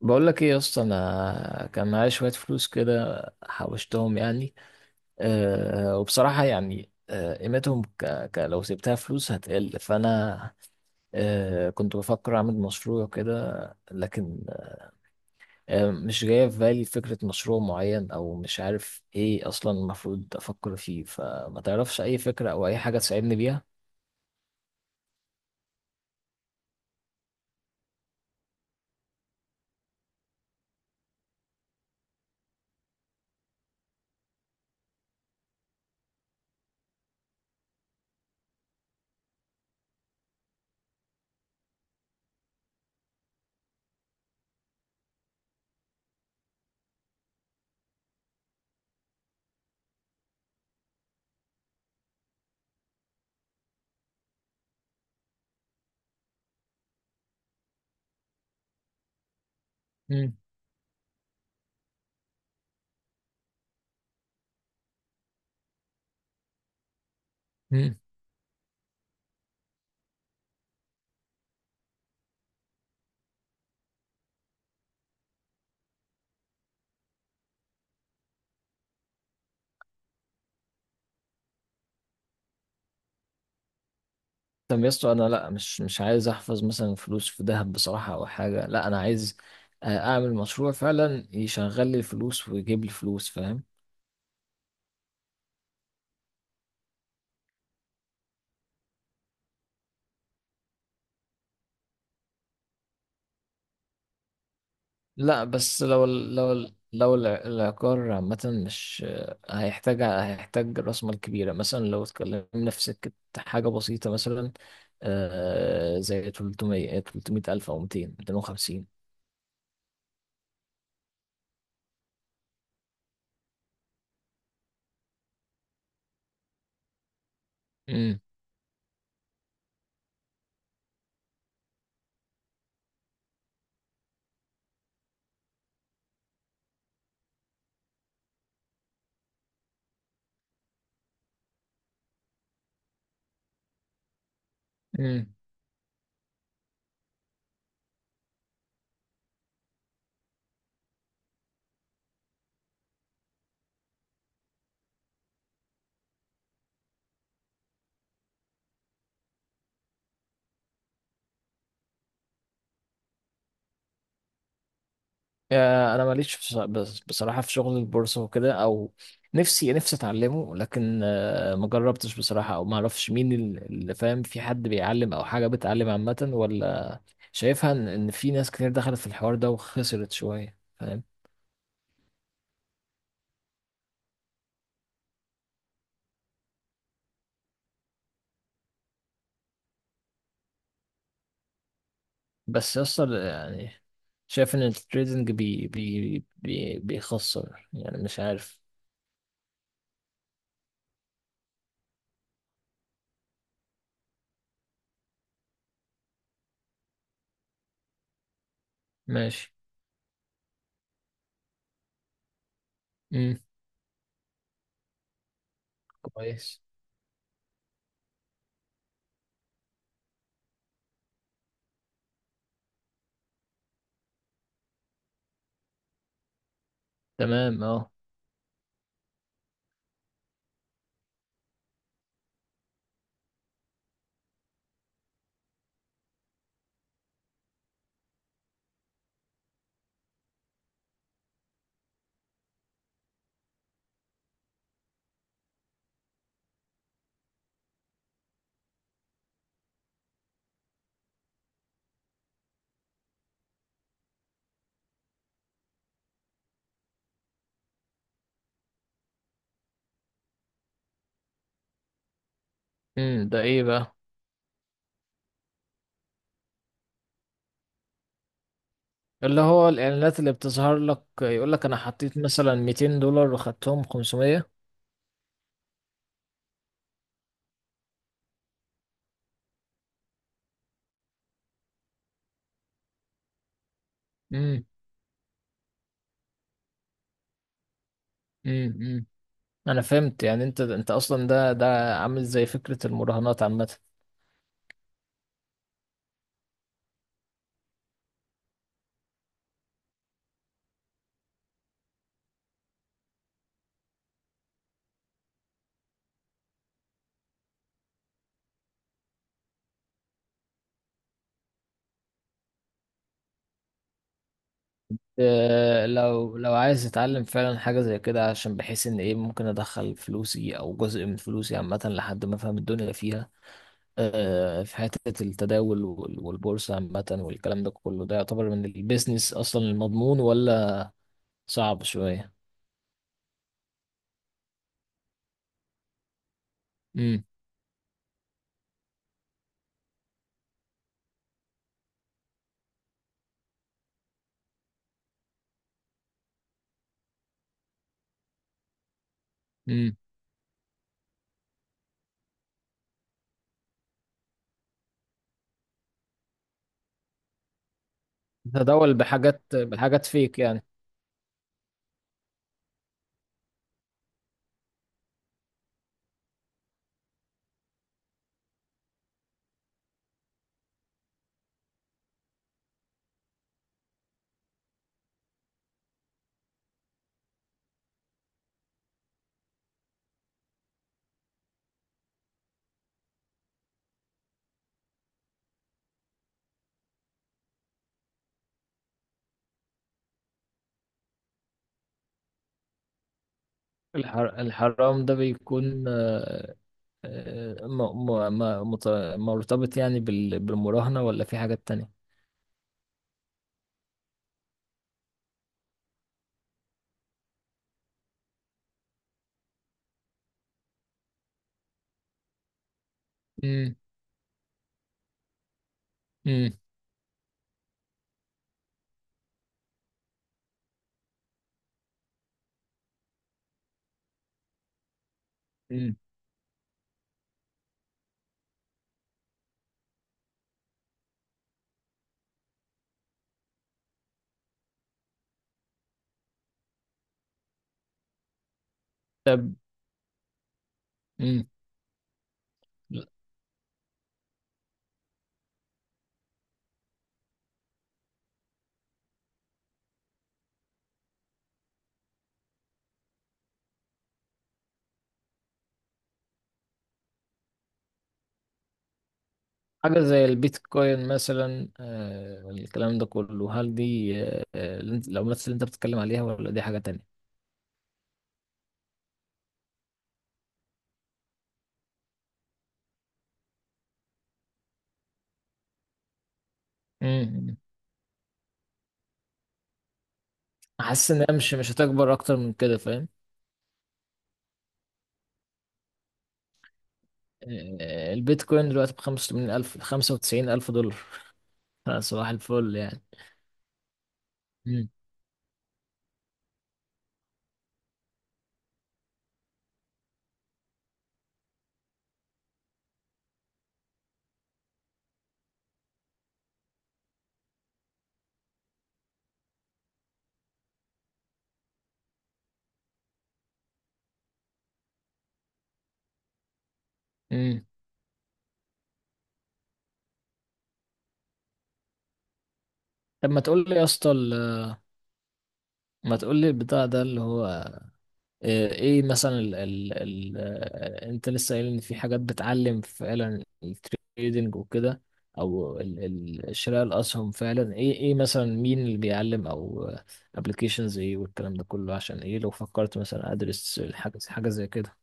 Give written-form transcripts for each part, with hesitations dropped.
بقول لك ايه يا اسطى، انا كان معايا شويه فلوس كده حوشتهم يعني، وبصراحه. يعني قيمتهم لو سبتها فلوس هتقل، فانا كنت بفكر اعمل مشروع كده، لكن مش جايه في بالي فكره مشروع معين، او مش عارف ايه اصلا المفروض افكر فيه، فما تعرفش اي فكره او اي حاجه تساعدني بيها؟ مم. طب يا اسطى، انا لا، مش عايز احفظ مثلا فلوس في ذهب بصراحه او حاجه، لا انا عايز اعمل مشروع فعلا يشغل لي الفلوس ويجيب لي فلوس، فاهم؟ لا بس لو العقار عامه، مش هيحتاج راس مال كبيره. مثلا لو اتكلمنا في سكه حاجه بسيطه مثلا، زي 300 300 الف، او 200 250. امم. يا انا ماليش بصراحه في شغل البورصه وكده، او نفسي اتعلمه، لكن ما جربتش بصراحه، او ما اعرفش مين اللي فاهم. في حد بيعلم او حاجه بتعلم عامه ولا؟ شايفها إن في ناس كتير دخلت في الحوار ده وخسرت شويه، فاهم؟ بس يصل يعني، شايف ان التريدنج بي بي بي بيخسر يعني، مش عارف. ماشي. امم. كويس. تمام اه. امم. ده ايه بقى؟ اللي هو الإعلانات اللي بتظهر لك يقول لك أنا حطيت مثلا 200 دولار وخدتهم 500. امم. امم. أمم. أنا فهمت يعني، أنت أصلا ده عامل زي فكرة المراهنات عامة. لو عايز أتعلم فعلا حاجة زي كده، عشان بحيث إن إيه ممكن أدخل فلوسي أو جزء من فلوسي عامة، لحد ما أفهم الدنيا فيها في حتة التداول والبورصة عامة والكلام ده كله. ده يعتبر من البيزنس أصلا المضمون، ولا صعب شوية؟ امم. تتداول بحاجات فيك يعني. الحرام ده بيكون آه، م... م... م... مت- مرتبط يعني بالمراهنة، ولا في حاجات تانية؟ امم. امم. امم. طب. امم. حاجة زي البيتكوين مثلا، الكلام ده كله، هل دي العملات اللي انت بتتكلم عليها، ولا دي حاجة تانية؟ امم. حاسس ان هي مش هتكبر اكتر من كده، فاهم؟ البيتكوين دلوقتي بخمسة وتمانين ألف، 95 ألف دولار. صباح الفل يعني. مم. مم. طب ما تقول لي يا اسطى، ما تقول لي البتاع ده اللي هو ايه مثلا، ال ال ال آه، انت لسه قايل ان في حاجات بتعلم فعلا التريدنج وكده، او ال شراء الاسهم فعلا، ايه مثلا مين اللي بيعلم، او ابلكيشنز ايه، والكلام ده كله، عشان ايه لو فكرت مثلا ادرس الحاجه حاجه زي كده؟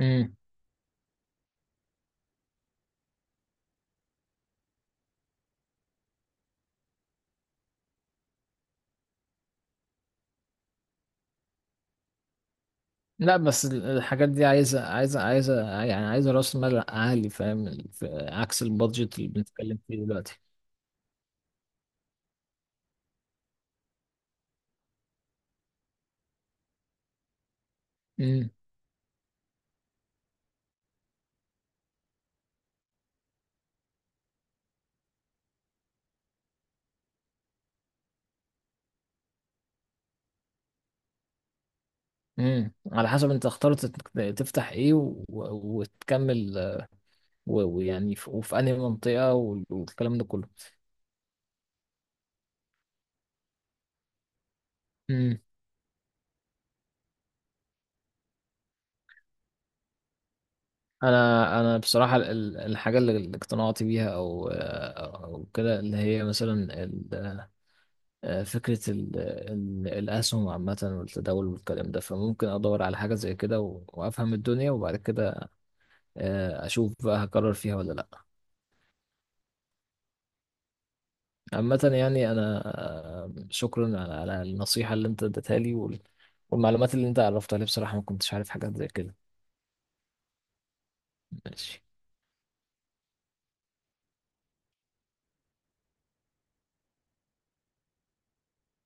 امم. لا بس الحاجات دي عايزه يعني عايزه راس مال عالي، فاهم؟ عكس البادجت اللي بنتكلم فيه دلوقتي. امم. على حسب انت اخترت تفتح ايه وتكمل، ويعني وفي انهي منطقة، والكلام ده كله. امم. انا بصراحة الحاجة اللي اقتنعت بيها، او كده، اللي هي مثلا ال... آه، فكرة الاسهم عامة والتداول والكلام ده، فممكن ادور على حاجة زي كده وافهم الدنيا، وبعد كده اشوف بقى هكرر فيها ولا لا. عامة يعني أنا شكرا على النصيحة اللي أنت اديتها لي، والمعلومات اللي أنت عرفتها لي بصراحة، ما كنتش عارف حاجات زي كده. ماشي.